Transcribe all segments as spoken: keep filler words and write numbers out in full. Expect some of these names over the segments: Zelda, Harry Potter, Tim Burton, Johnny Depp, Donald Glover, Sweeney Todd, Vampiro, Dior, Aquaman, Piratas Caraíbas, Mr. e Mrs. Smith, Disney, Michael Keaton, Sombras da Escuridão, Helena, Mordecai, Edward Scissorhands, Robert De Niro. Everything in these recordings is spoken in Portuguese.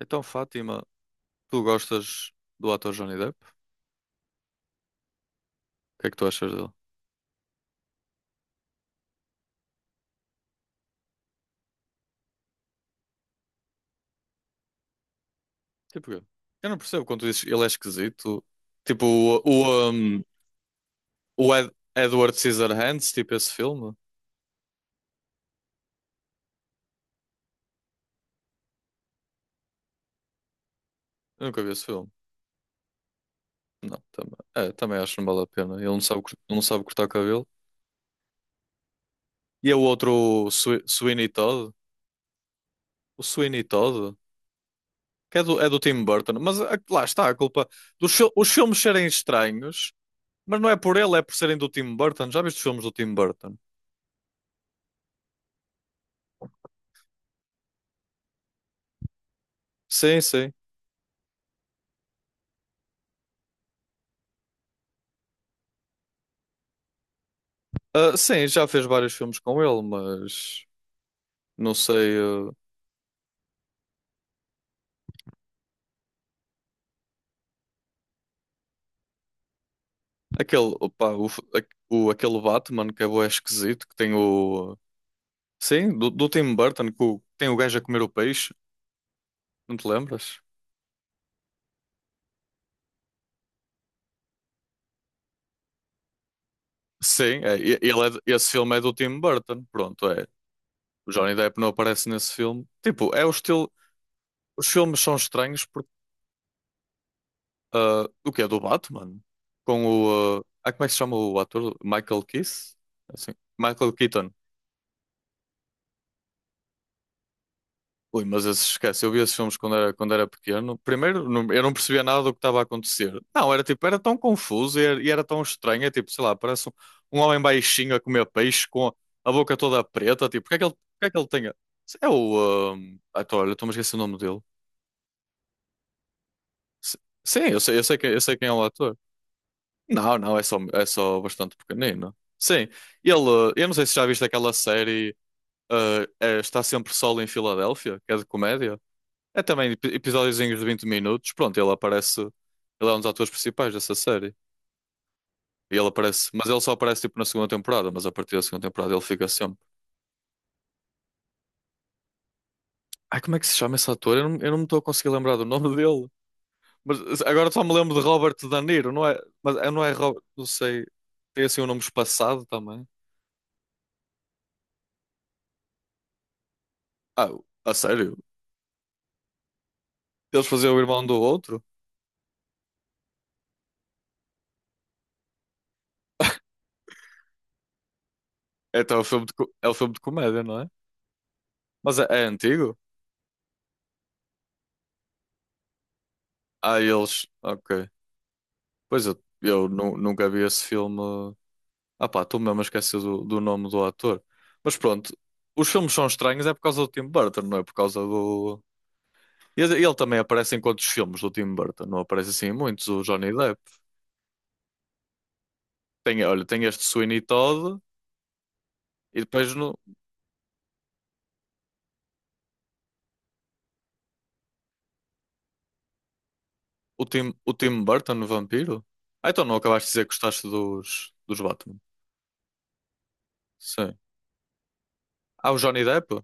Então, Fátima, tu gostas do ator Johnny Depp? O que é que tu achas dele? Tipo, eu eu não percebo quando tu dizes ele é esquisito. Tipo, o, o, um, o Ed- Edward Scissorhands, tipo esse filme. Eu nunca vi esse filme. Não, também, é, também acho que não vale a pena. Ele não sabe, cor- não sabe cortar o cabelo. E é o outro, o Swi- Sweeney Todd. O Sweeney Todd, que é do, é do Tim Burton. Mas a- lá está a culpa. Dos, fil- os filmes serem estranhos, mas não é por ele, é por serem do Tim Burton. Já viste os filmes do Tim Burton? Sim, sim. Ah, sim, já fez vários filmes com ele, mas não sei. ah, aquele, opá, o, f- a- o- aquele Batman que é bué esquisito, que tem o. Sim, do, do Tim Burton, que o- tem o gajo a comer o peixe, não te lembras? Sim, é, e- ele é, de- esse filme é do Tim Burton, pronto, é. O Johnny Depp não aparece nesse filme. Tipo, é o estilo. Os filmes são estranhos porque. ah, o que é do Batman? Com o. Ah, ah, como é que se chama o ator? Michael Keith? Assim, Michael Keaton. Ui, mas esses, esquece, eu vi esses filmes quando era, quando era pequeno. Primeiro, não- eu não percebia nada do que estava a acontecer. Não, era tipo, era tão confuso e era, e era tão estranho. É tipo, sei lá, parece um, um homem baixinho a comer peixe com a boca toda preta. Tipo, porque é que ele, porque é que ele tem. A- É o. ahm, ator, olha, estou-me a esquecer o nome dele. S- Sim, eu sei, eu sei, que, eu sei quem é o ator. Não, não, é só, é só bastante pequenino. Sim, ele. Eu não sei se já viste aquela série. ah, é, está sempre solo em Filadélfia, que é de comédia. É também ep- episódiozinhos de vinte minutos. Pronto, ele aparece. Ele é um dos atores principais dessa série. E ele aparece. Mas ele só aparece tipo na segunda temporada. Mas a partir da segunda temporada ele fica sempre. Ai, como é que se chama esse ator? Eu não, eu não me estou a conseguir lembrar do nome dele. Mas agora só me lembro de Robert De Niro, não é? Mas é- não é Robert. Não sei. Tem assim um nome espaçado também. Ah, a sério? Eles faziam o irmão do outro? É, então é o filme de, co- é o filme de comédia, não é? Mas é, é antigo? Ah, eles. Ok. Pois eu, eu nu- nunca vi esse filme. Ah pá, estou mesmo a esquecer do, do nome do ator. Mas pronto, os filmes são estranhos é por causa do Tim Burton, não é por causa do... E Ele ele também aparece em quantos filmes do Tim Burton? Não aparece assim em muitos, o Johnny Depp. Tem, olha, tem este Sweeney Todd e depois no, o Tim, o Tim Burton no Vampiro. Ah, então não acabaste de dizer que gostaste dos, dos Batman. Sim. Ah, o Johnny Depp?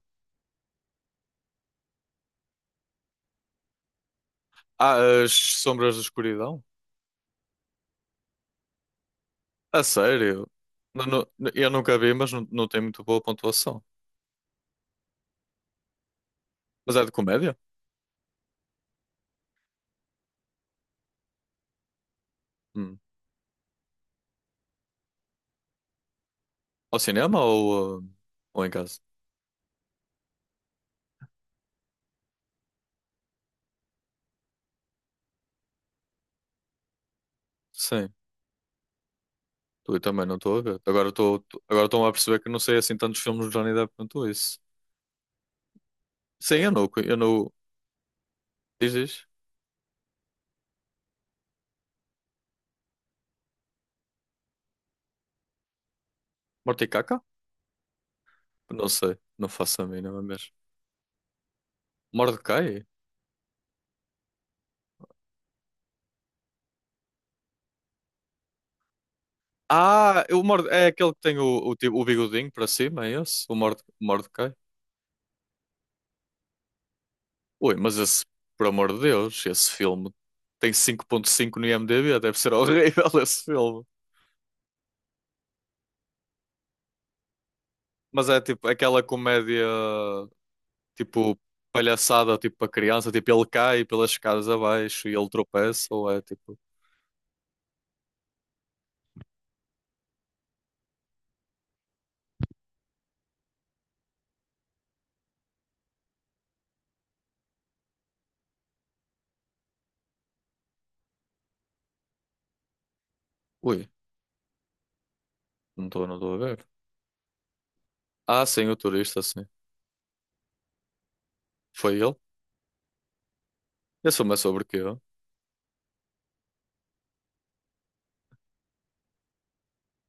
Ah, as Sombras da Escuridão? A sério? Não- não- eu nunca vi, mas não, não tem muito boa pontuação. Mas é de comédia? Hum. Ao cinema ou, ou em casa? Sim, eu também não estou a ver. Agora estou agora estou a perceber que não sei assim tantos filmes de Johnny Depp quanto isso. Sim, eu não, eu não. Diz, diz. Morticaca? Não sei, não faço a mínima mesmo. Mordecai? Ah, o Morde... é aquele que tem o, o, tipo- o bigodinho para cima, é esse? O Morde... Mordecai? Ui, mas esse, por amor de Deus, esse filme tem cinco ponto cinco no IMDb, deve ser horrível esse filme. Mas é tipo aquela comédia. Tipo palhaçada tipo para criança, tipo ele cai pelas escadas abaixo e ele tropeça, ou é tipo, ui, não estou, não estou a ver. Ah, sim, o turista, sim. Foi ele? Esse filme é sobre o quê?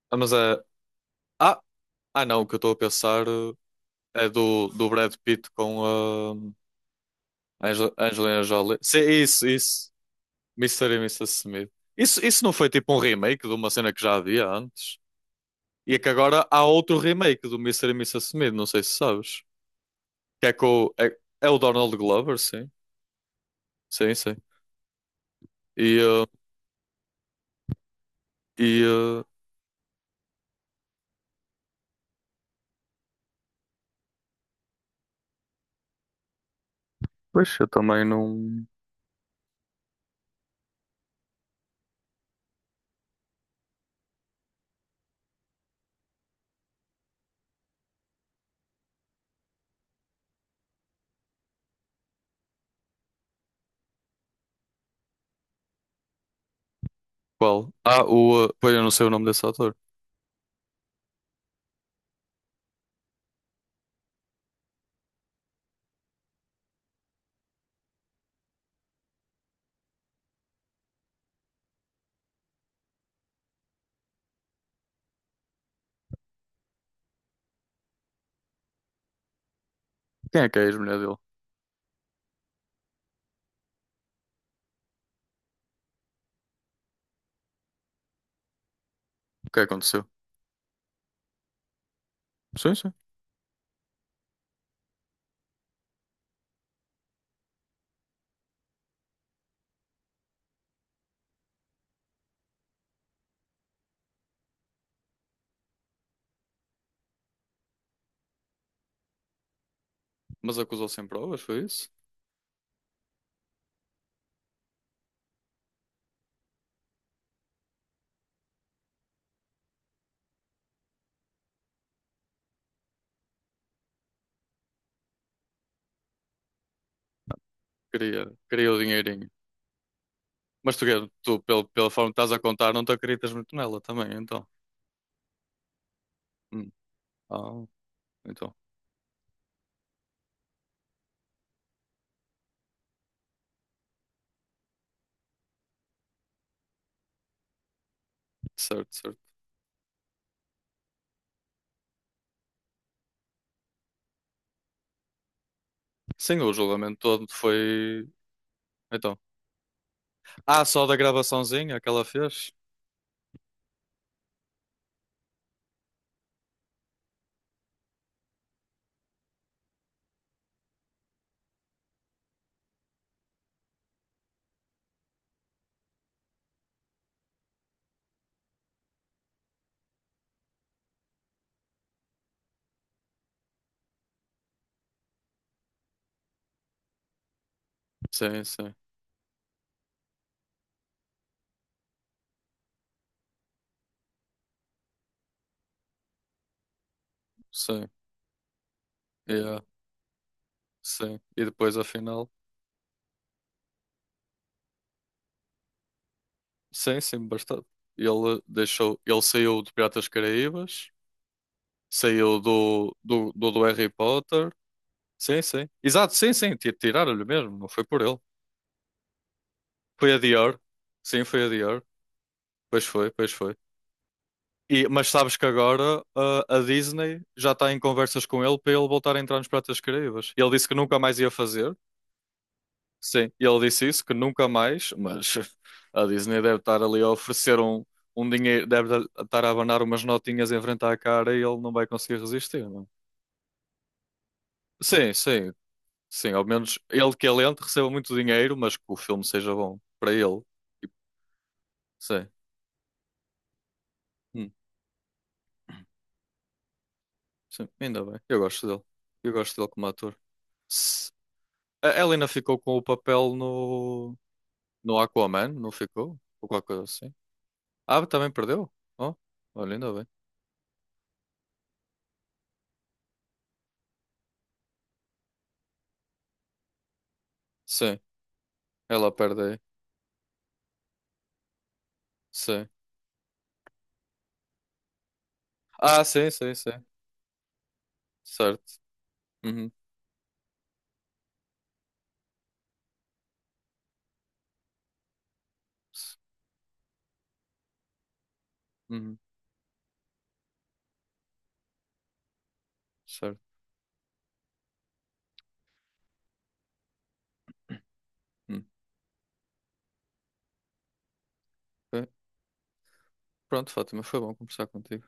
Ah, mas é. Ah, ah não, o que eu estou a pensar eh, é do, do Brad Pitt com a Angel Angelina Jolie. Sim, isso, isso. mister e missus Smith. Isso, isso não foi tipo um remake de uma cena que já havia antes? E é que agora há outro remake do mister e missus Smith, não sei se sabes. Que é com. É, é o Donald Glover, sim. Sim, sim. E, uh, e uh, pois eu também não. Qual? Ah, o. uh, pois eu não sei o nome desse ator. Quem é que é a ex-mulher dele? O que é que aconteceu? Sim, sim. Mas acusou sem provas, foi isso? Queria, queria o dinheirinho. Mas tu, quer- tu pelo, pela forma que estás a contar, não te acreditas muito nela também, então. Hum. Ah, então. Certo, certo. Sim, o julgamento todo foi. Então. Ah, só da gravaçãozinha que ela fez? Sim, sim. Sim. Yeah. Sim. E depois, afinal. Sim, sim, bastante. Ele deixou, ele saiu de Piratas Caraíbas, saiu do, do, do, do Harry Potter. Sim, sim. Exato, sim, sim. ti- Tiraram-lhe mesmo, não foi por ele. Foi a Dior. Sim, foi a Dior. Pois foi, pois foi. E, mas sabes que agora ah, a Disney já está em conversas com ele para ele voltar a entrar nos Piratas Caraíbas. Ele disse que nunca mais ia fazer, sim, e ele disse isso, que nunca mais, mas a Disney deve estar ali a oferecer um, um dinheiro, deve estar a abanar umas notinhas em frente à cara e ele não vai conseguir resistir, não? é? Sim, sim, sim, ao menos ele que é lento receba muito dinheiro, mas que o filme seja bom para ele. E- Sim, hum, sim, ainda bem, eu gosto dele, eu gosto dele como ator. Se- A Helena ficou com o papel no, no Aquaman, não ficou? Ou qualquer coisa assim. Ah, também perdeu? Oh, olha, ainda bem. Sim, ela perde aí. Sim. Ah, sim, sim, sim. Certo. Uhum. Uhum. Certo. Uhum. Ok. Pronto, Fátima, foi bom conversar contigo.